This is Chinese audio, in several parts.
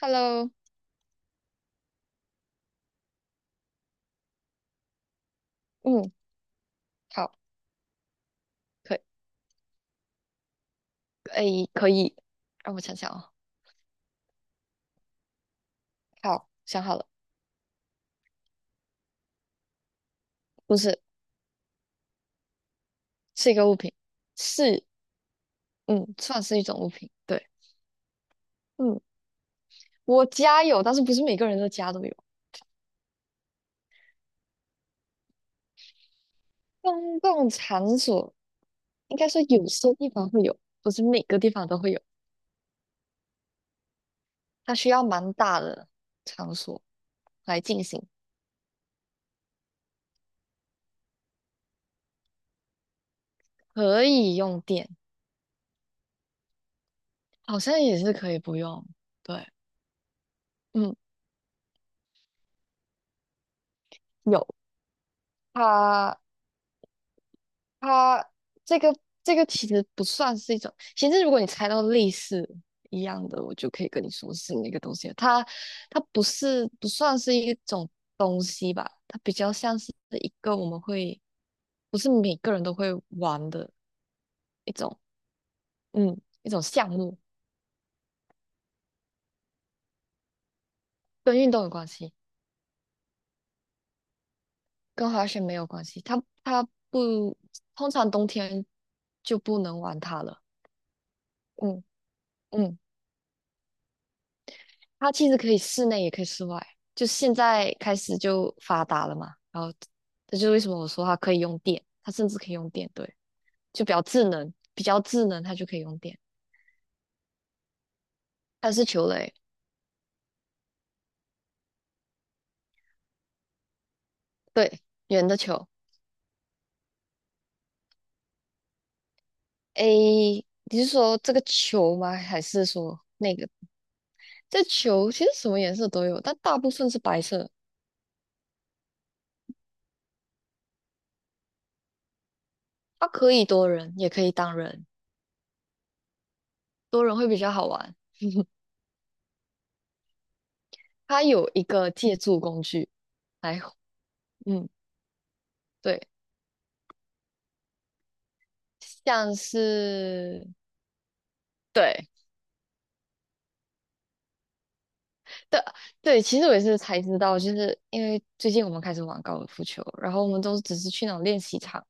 Hello，嗯，好，可以，哎，可以，让我想想哦。好，想好了，不是，是一个物品，是，嗯，算是一种物品。对，嗯，我家有，但是不是每个人的家都有。公共场所应该说有些地方会有，不是每个地方都会有。它需要蛮大的场所来进行，可以用电，好像也是可以不用。对，嗯，有它。它这个这个其实不算是一种，其实如果你猜到类似一样的，我就可以跟你说是那个东西了。它不是不算是一种东西吧，它比较像是一个我们会，不是每个人都会玩的一种，嗯，一种项目，跟运动有关系，跟滑雪没有关系。它不，通常冬天就不能玩它了。嗯嗯。它其实可以室内也可以室外，就现在开始就发达了嘛。然后这就是为什么我说它可以用电，它甚至可以用电，对，就比较智能，比较智能，它就可以用电。它是球类，对，圆的球。诶，你是说这个球吗？还是说那个？这球其实什么颜色都有，但大部分是白色。它可以多人，也可以单人，多人会比较好玩。它有一个借助工具来，嗯，对。像是对对对，其实我也是才知道，就是因为最近我们开始玩高尔夫球，然后我们都只是去那种练习场，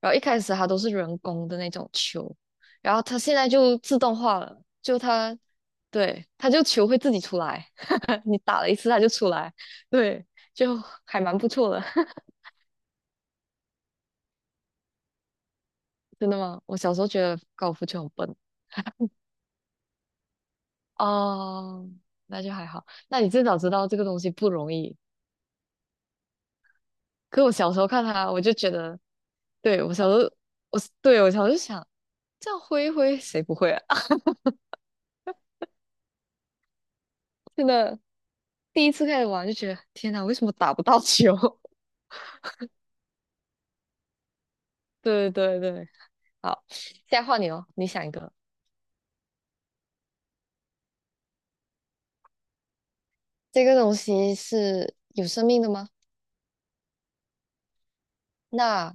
然后一开始它都是人工的那种球，然后它现在就自动化了，就它，对，它就球会自己出来，你打了一次它就出来，对，就还蛮不错的。真的吗？我小时候觉得高尔夫球很笨哦，那就还好。那你至少知道这个东西不容易。可我小时候看它，我就觉得对，我对我小时候想这样挥一挥，谁不会啊？真的，第一次开始玩就觉得天哪，为什么打不到球？对对对，好，现在换你哦，你想一个，这个东西是有生命的吗？那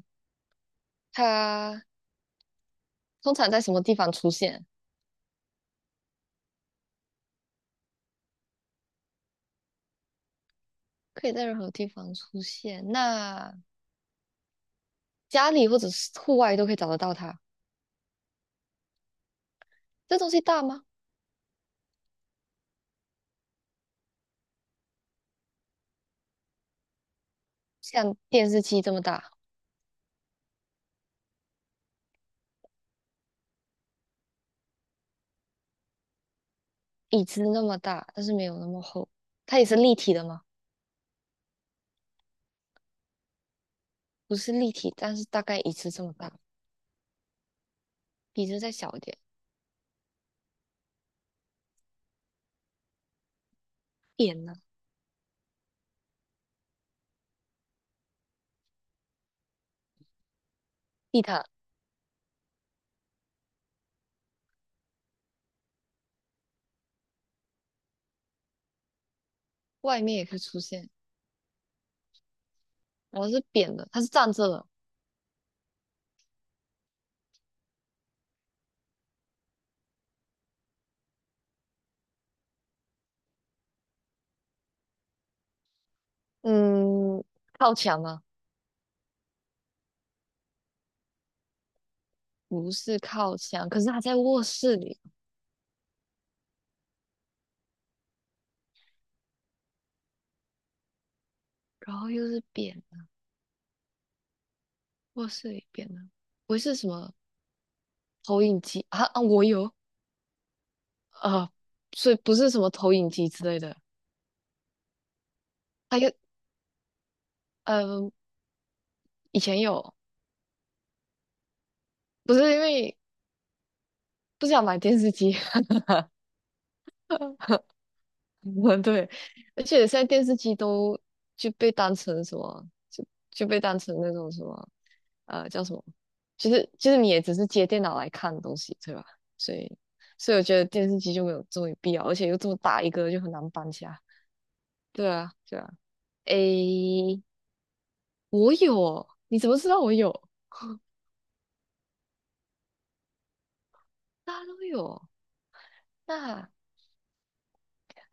它通常在什么地方出现？可以在任何地方出现。那家里或者是户外都可以找得到它。这东西大吗？像电视机这么大，椅子那么大，但是没有那么厚。它也是立体的吗？不是立体，但是大概椅子这么大，椅子再小一点，扁的地毯外面也可以出现。我是扁的，它是站着的，嗯，靠墙吗？不是靠墙，可是它在卧室里，然后又是扁的，卧室里扁的，不会是什么投影机啊啊，我有啊，所以不是什么投影机之类的，还有呃，以前有，不是因为不想买电视机。对，而且现在电视机都就被当成什么，就被当成那种什么，叫什么，就是你也只是接电脑来看东西，对吧？所以所以我觉得电视机就没有这么必要，而且又这么大一个，就很难搬家。对啊，对啊。诶，我有哦你怎么知道我有？大家都有哦那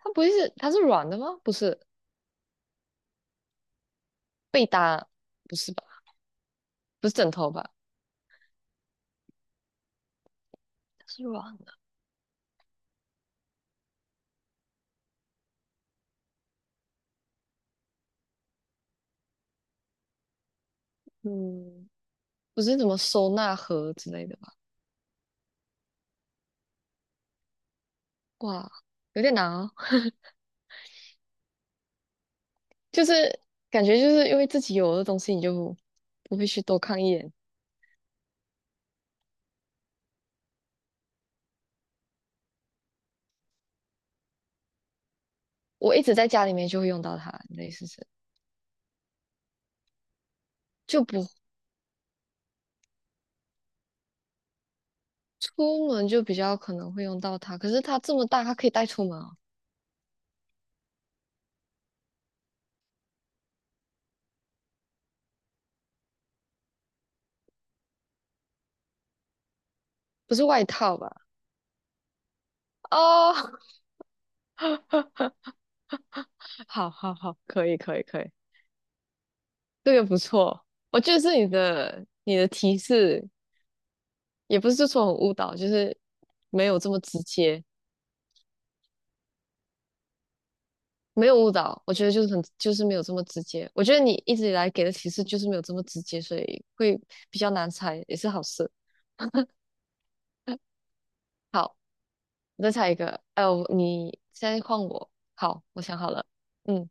它是软的吗？不是被单，不是吧？不是枕头吧？它是软的。嗯，不是什么收纳盒之类的吧？哇，有点难哦。就是感觉就是因为自己有的东西，你就不会去多看一眼。我一直在家里面就会用到它，类似是就不出门就比较可能会用到它。可是它这么大，它可以带出门哦，不是外套吧？哦，好好好，可以可以可以，这个不错。我觉得是你的提示，也不是说很误导，就是没有这么直接。没有误导，我觉得就是很就是没有这么直接。我觉得你一直以来给的提示就是没有这么直接，所以会比较难猜，也是好事。好，你再猜一个。哎、你现在换我。好，我想好了。嗯，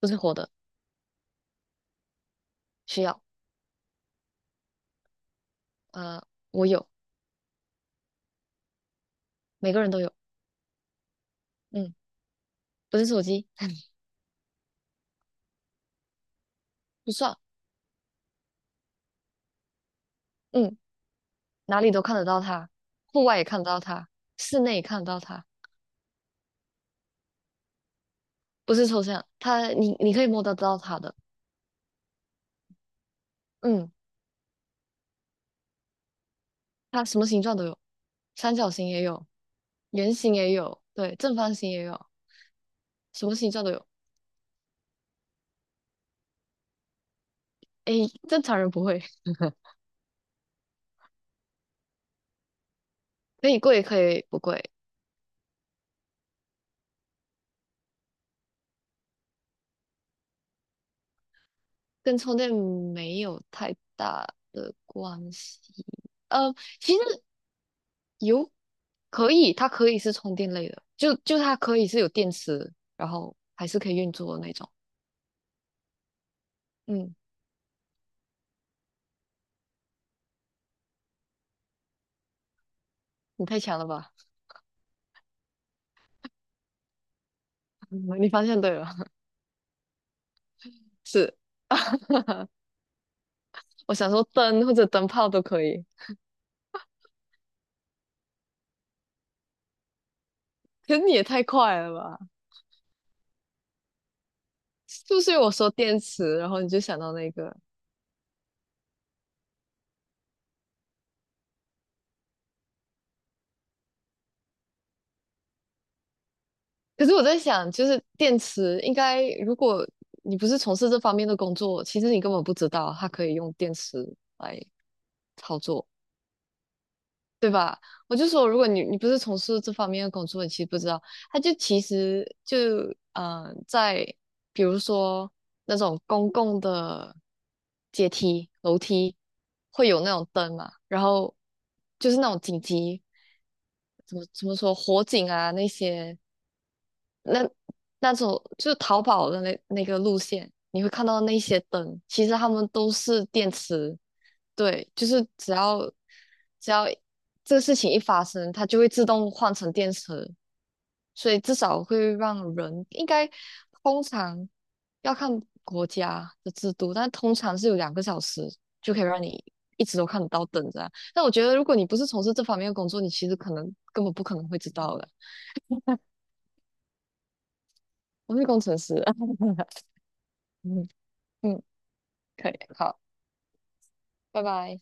不是活的，需要。呃，我有，每个人都有。嗯，不是手机，不算。嗯，哪里都看得到它，户外也看得到它，室内也看得到它，不是抽象，它你可以摸得到它的。嗯，它什么形状都有，三角形也有。圆形也有，对，正方形也有，什么形状都有。诶，正常人不会，可以贵可以不贵，跟充电没有太大的关系。呃，其实有可以，它可以是充电类的，就它可以是有电池，然后还是可以运作的那种。嗯，你太强了吧？你方向对了，是，我想说灯或者灯泡都可以，可是你也太快了吧？就是不是我说电池，然后你就想到那个？可是我在想，就是电池应该，如果你不是从事这方面的工作，其实你根本不知道它可以用电池来操作，对吧？我就说，如果你不是从事这方面的工作，你其实不知道，它就其实就在比如说那种公共的阶梯、楼梯会有那种灯嘛，然后就是那种紧急怎么说火警啊那些那那种就是淘宝的那个路线，你会看到那些灯，其实它们都是电池。对，就是只要这个事情一发生，它就会自动换成电池，所以至少会让人应该通常要看国家的制度，但通常是有2个小时就可以让你一直都看得到灯这样。但我觉得如果你不是从事这方面的工作，你其实可能根本不可能会知道的。我是工程师，嗯嗯，可以，好。拜拜。